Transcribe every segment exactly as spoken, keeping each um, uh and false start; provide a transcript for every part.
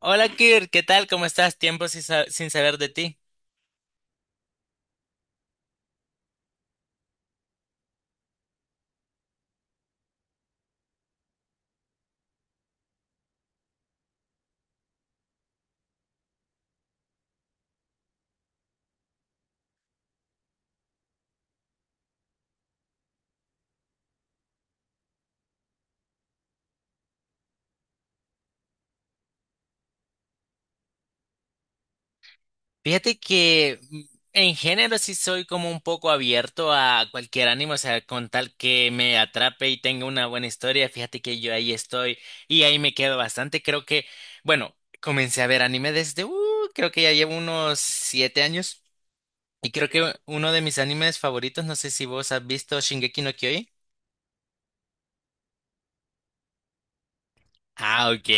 Hola Kirk, ¿qué tal? ¿Cómo estás? Tiempo sin, sa- sin saber de ti. Fíjate que mm, en género sí soy como un poco abierto a cualquier ánimo, o sea, con tal que me atrape y tenga una buena historia, fíjate que yo ahí estoy y ahí me quedo bastante. Creo que, bueno, comencé a ver anime desde, uh, creo que ya llevo unos siete años y creo que uno de mis animes favoritos, no sé si vos has visto Shingeki no Kyojin. Ah, ok.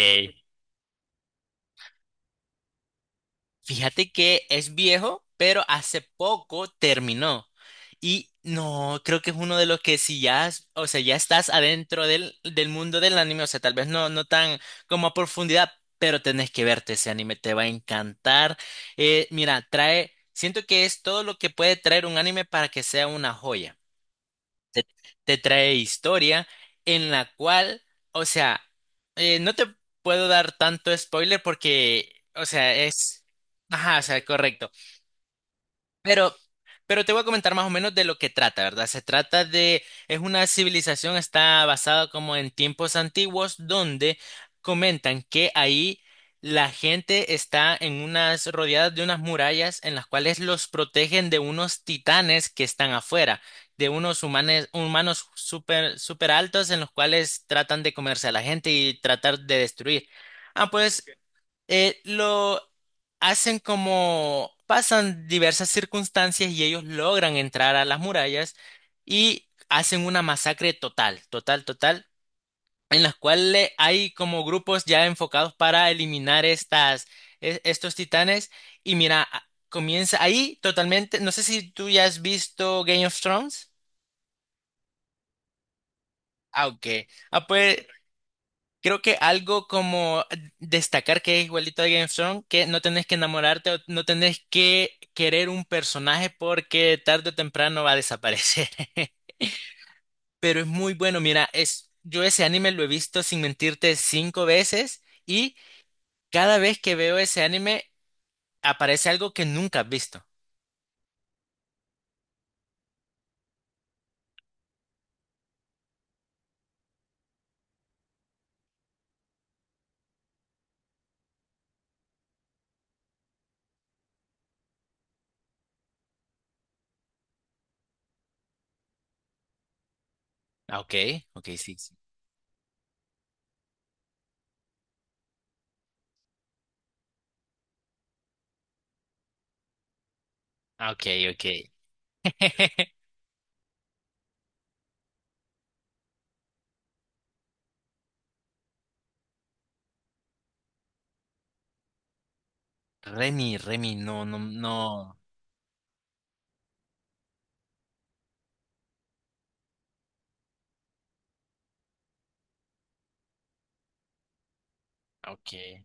Fíjate que es viejo, pero hace poco terminó. Y no, creo que es uno de los que si ya, has- o sea, ya estás adentro del, del mundo del anime, o sea, tal vez no, no tan como a profundidad, pero tenés que verte ese anime, te va a encantar. Eh, mira, trae, siento que es todo lo que puede traer un anime para que sea una joya te, te trae historia en la cual, o sea, eh, no te puedo dar tanto spoiler porque, o sea, es... Ajá, o sea, correcto. Pero, pero te voy a comentar más o menos de lo que trata, ¿verdad? Se trata de, es una civilización, está basada como en tiempos antiguos, donde comentan que ahí la gente está en unas, rodeadas de unas murallas en las cuales los protegen de unos titanes que están afuera, de unos humanes, humanos súper, súper altos en los cuales tratan de comerse a la gente y tratar de destruir. Ah, pues eh, lo hacen como pasan diversas circunstancias y ellos logran entrar a las murallas y hacen una masacre total, total, total, en las cuales hay como grupos ya enfocados para eliminar estas, e- estos titanes y mira, a- comienza ahí totalmente, no sé si tú ya has visto Game of Thrones. Ah, ok. Ah, pues creo que algo como destacar que es igualito a Game of Thrones, que no tenés que enamorarte o no tenés que querer un personaje porque tarde o temprano va a desaparecer. Pero es muy bueno, mira, es, yo ese anime lo he visto sin mentirte cinco veces y cada vez que veo ese anime aparece algo que nunca has visto. Ah, ok, ok, sí, sí. Ah, ok, ok. Remy, Remy, no, no, no. Ok.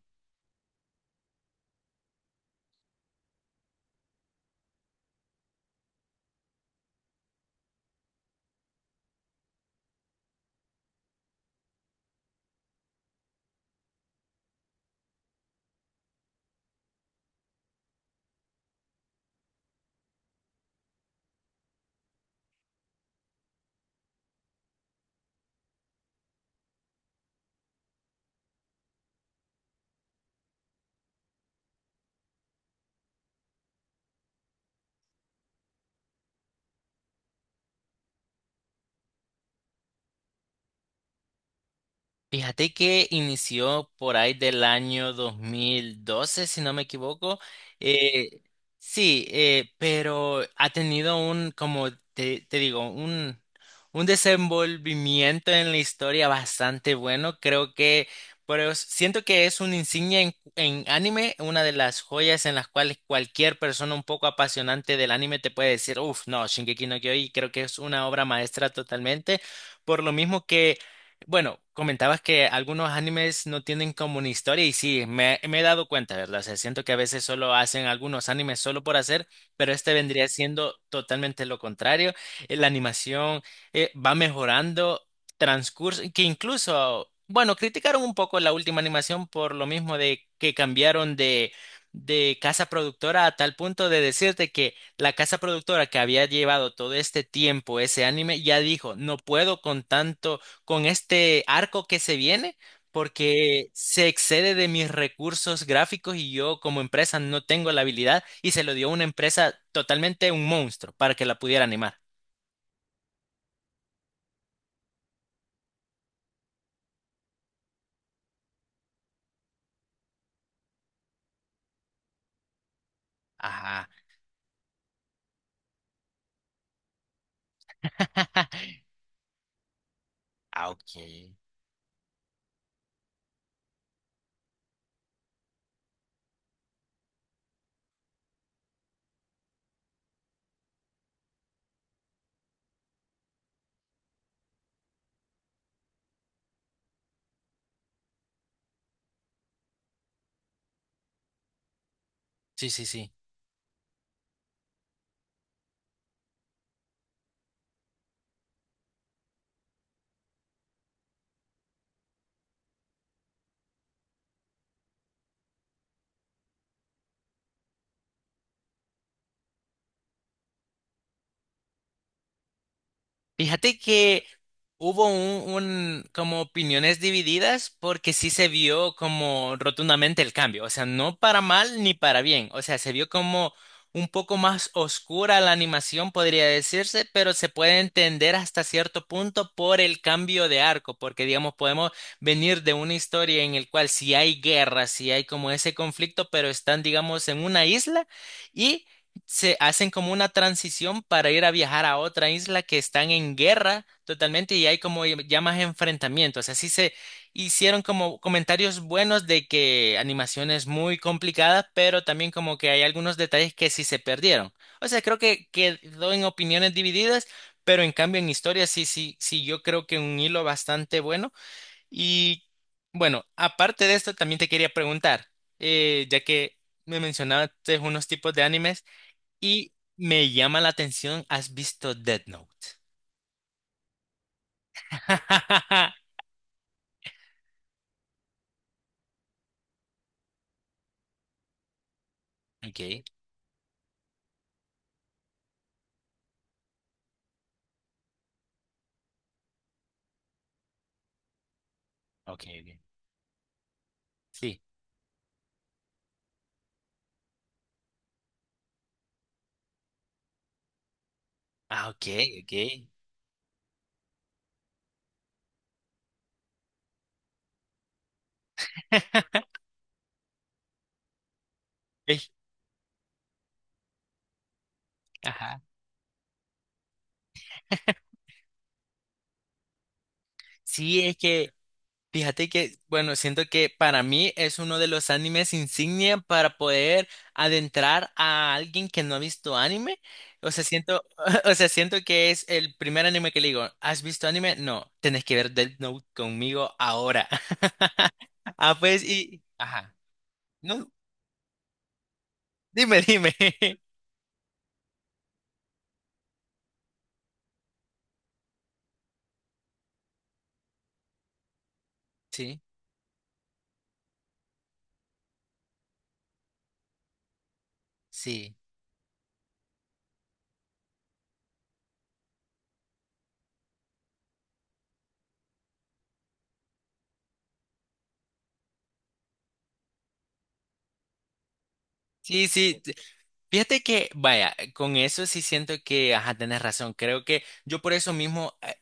Fíjate que inició por ahí del año dos mil doce, si no me equivoco. Eh, sí, eh, pero ha tenido un, como te, te digo, un, un desenvolvimiento en la historia bastante bueno. Creo que, pero es- siento que es una insignia en, en anime, una de las joyas en las cuales cualquier persona un poco apasionante del anime te puede decir, uff, no, Shingeki no Kyojin, creo que es una obra maestra totalmente. Por lo mismo que bueno, comentabas que algunos animes no tienen como una historia y sí, me, me he dado cuenta, ¿verdad? O sea, siento que a veces solo hacen algunos animes solo por hacer, pero este vendría siendo totalmente lo contrario. Eh, La animación eh, va mejorando transcurso, que incluso, bueno, criticaron un poco la última animación por lo mismo de que cambiaron de, de casa productora a tal punto de decirte que la casa productora que había llevado todo este tiempo ese anime ya dijo, no puedo con tanto con este arco que se viene porque se excede de mis recursos gráficos y yo como empresa no tengo la habilidad y se lo dio una empresa totalmente un monstruo para que la pudiera animar. Ajá. Ah, ok. Sí, sí, sí. Fíjate que hubo un, un- como opiniones divididas porque sí se vio como rotundamente el cambio, o sea, no para mal ni para bien, o sea, se vio como un poco más oscura la animación, podría decirse, pero se puede entender hasta cierto punto por el cambio de arco, porque digamos, podemos venir de una historia en el cual si hay guerra, si hay como ese conflicto, pero están, digamos, en una isla. Y se hacen como una transición para ir a viajar a otra isla que están en guerra totalmente y hay como ya ya más enfrentamientos. Así se hicieron como comentarios buenos de que animación es muy complicada, pero también como que hay algunos detalles que sí se perdieron. O sea, creo que quedó en opiniones divididas, pero en cambio en historia sí, sí, sí, yo creo que un hilo bastante bueno. Y bueno, aparte de esto, también te quería preguntar, eh, ya que me mencionaste unos tipos de animes. Y me llama la atención, ¿has visto Death Note? Okay, okay, okay. Sí. Ah, okay, okay. Ey, ajá. Sí, es que fíjate que, bueno, siento que para mí es uno de los animes insignia para poder adentrar a alguien que no ha visto anime. O sea, siento, o sea, siento que es el primer anime que le digo, ¿has visto anime? No, tenés que ver Death Note conmigo ahora. Ah, pues, y, ajá. No. Dime, dime. Sí, sí. Sí, sí. t- Fíjate que, vaya, con eso sí siento que, ajá, tenés razón. Creo que yo por eso mismo, eh,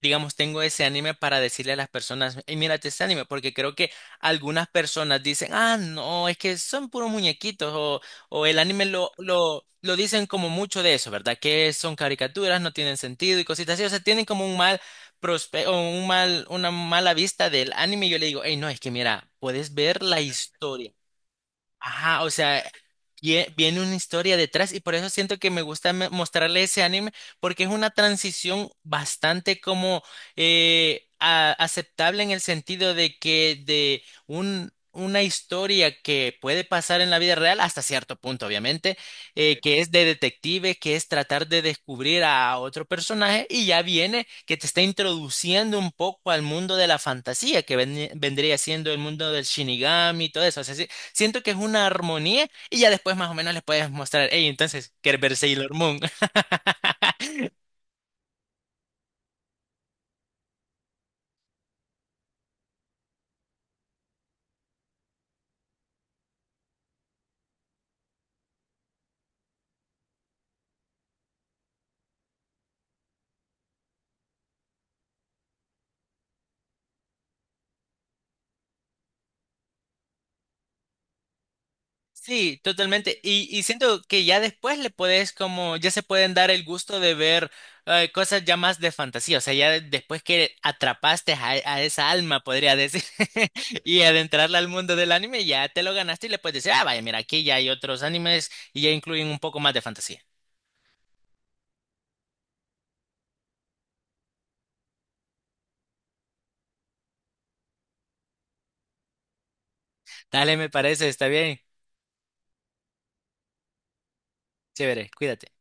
digamos, tengo ese anime para decirle a las personas, hey, mírate este anime, porque creo que algunas personas dicen, ah, no, es que son puros muñequitos, o, o el anime lo, lo, lo dicen como mucho de eso, ¿verdad? Que son caricaturas, no tienen sentido y cositas así. O sea, tienen como un mal prospe- o un mal, una mala vista del anime, y yo le digo, hey, no, es que mira, puedes ver la historia. Ajá, o sea, vie- viene una historia detrás y por eso siento que me gusta me- mostrarle ese anime porque es una transición bastante como eh, a- aceptable en el sentido de que de un, una historia que puede pasar en la vida real hasta cierto punto, obviamente, eh, que es de detective, que es tratar de descubrir a otro personaje y ya viene que te está introduciendo un poco al mundo de la fantasía que ven- vendría siendo el mundo del Shinigami y todo eso. O sea, sí, siento que es una armonía y ya después más o menos les puedes mostrar, hey, entonces, ¿quieres ver Sailor Moon? Sí, totalmente. Y, y siento que ya después le puedes como, ya se pueden dar el gusto de ver eh, cosas ya más de fantasía. O sea, ya de- después que atrapaste a, a esa alma, podría decir, y adentrarla al mundo del anime, ya te lo ganaste y le puedes decir, ah, vaya, mira, aquí ya hay otros animes y ya incluyen un poco más de fantasía. Dale, me parece, está bien. Chévere, cuídate.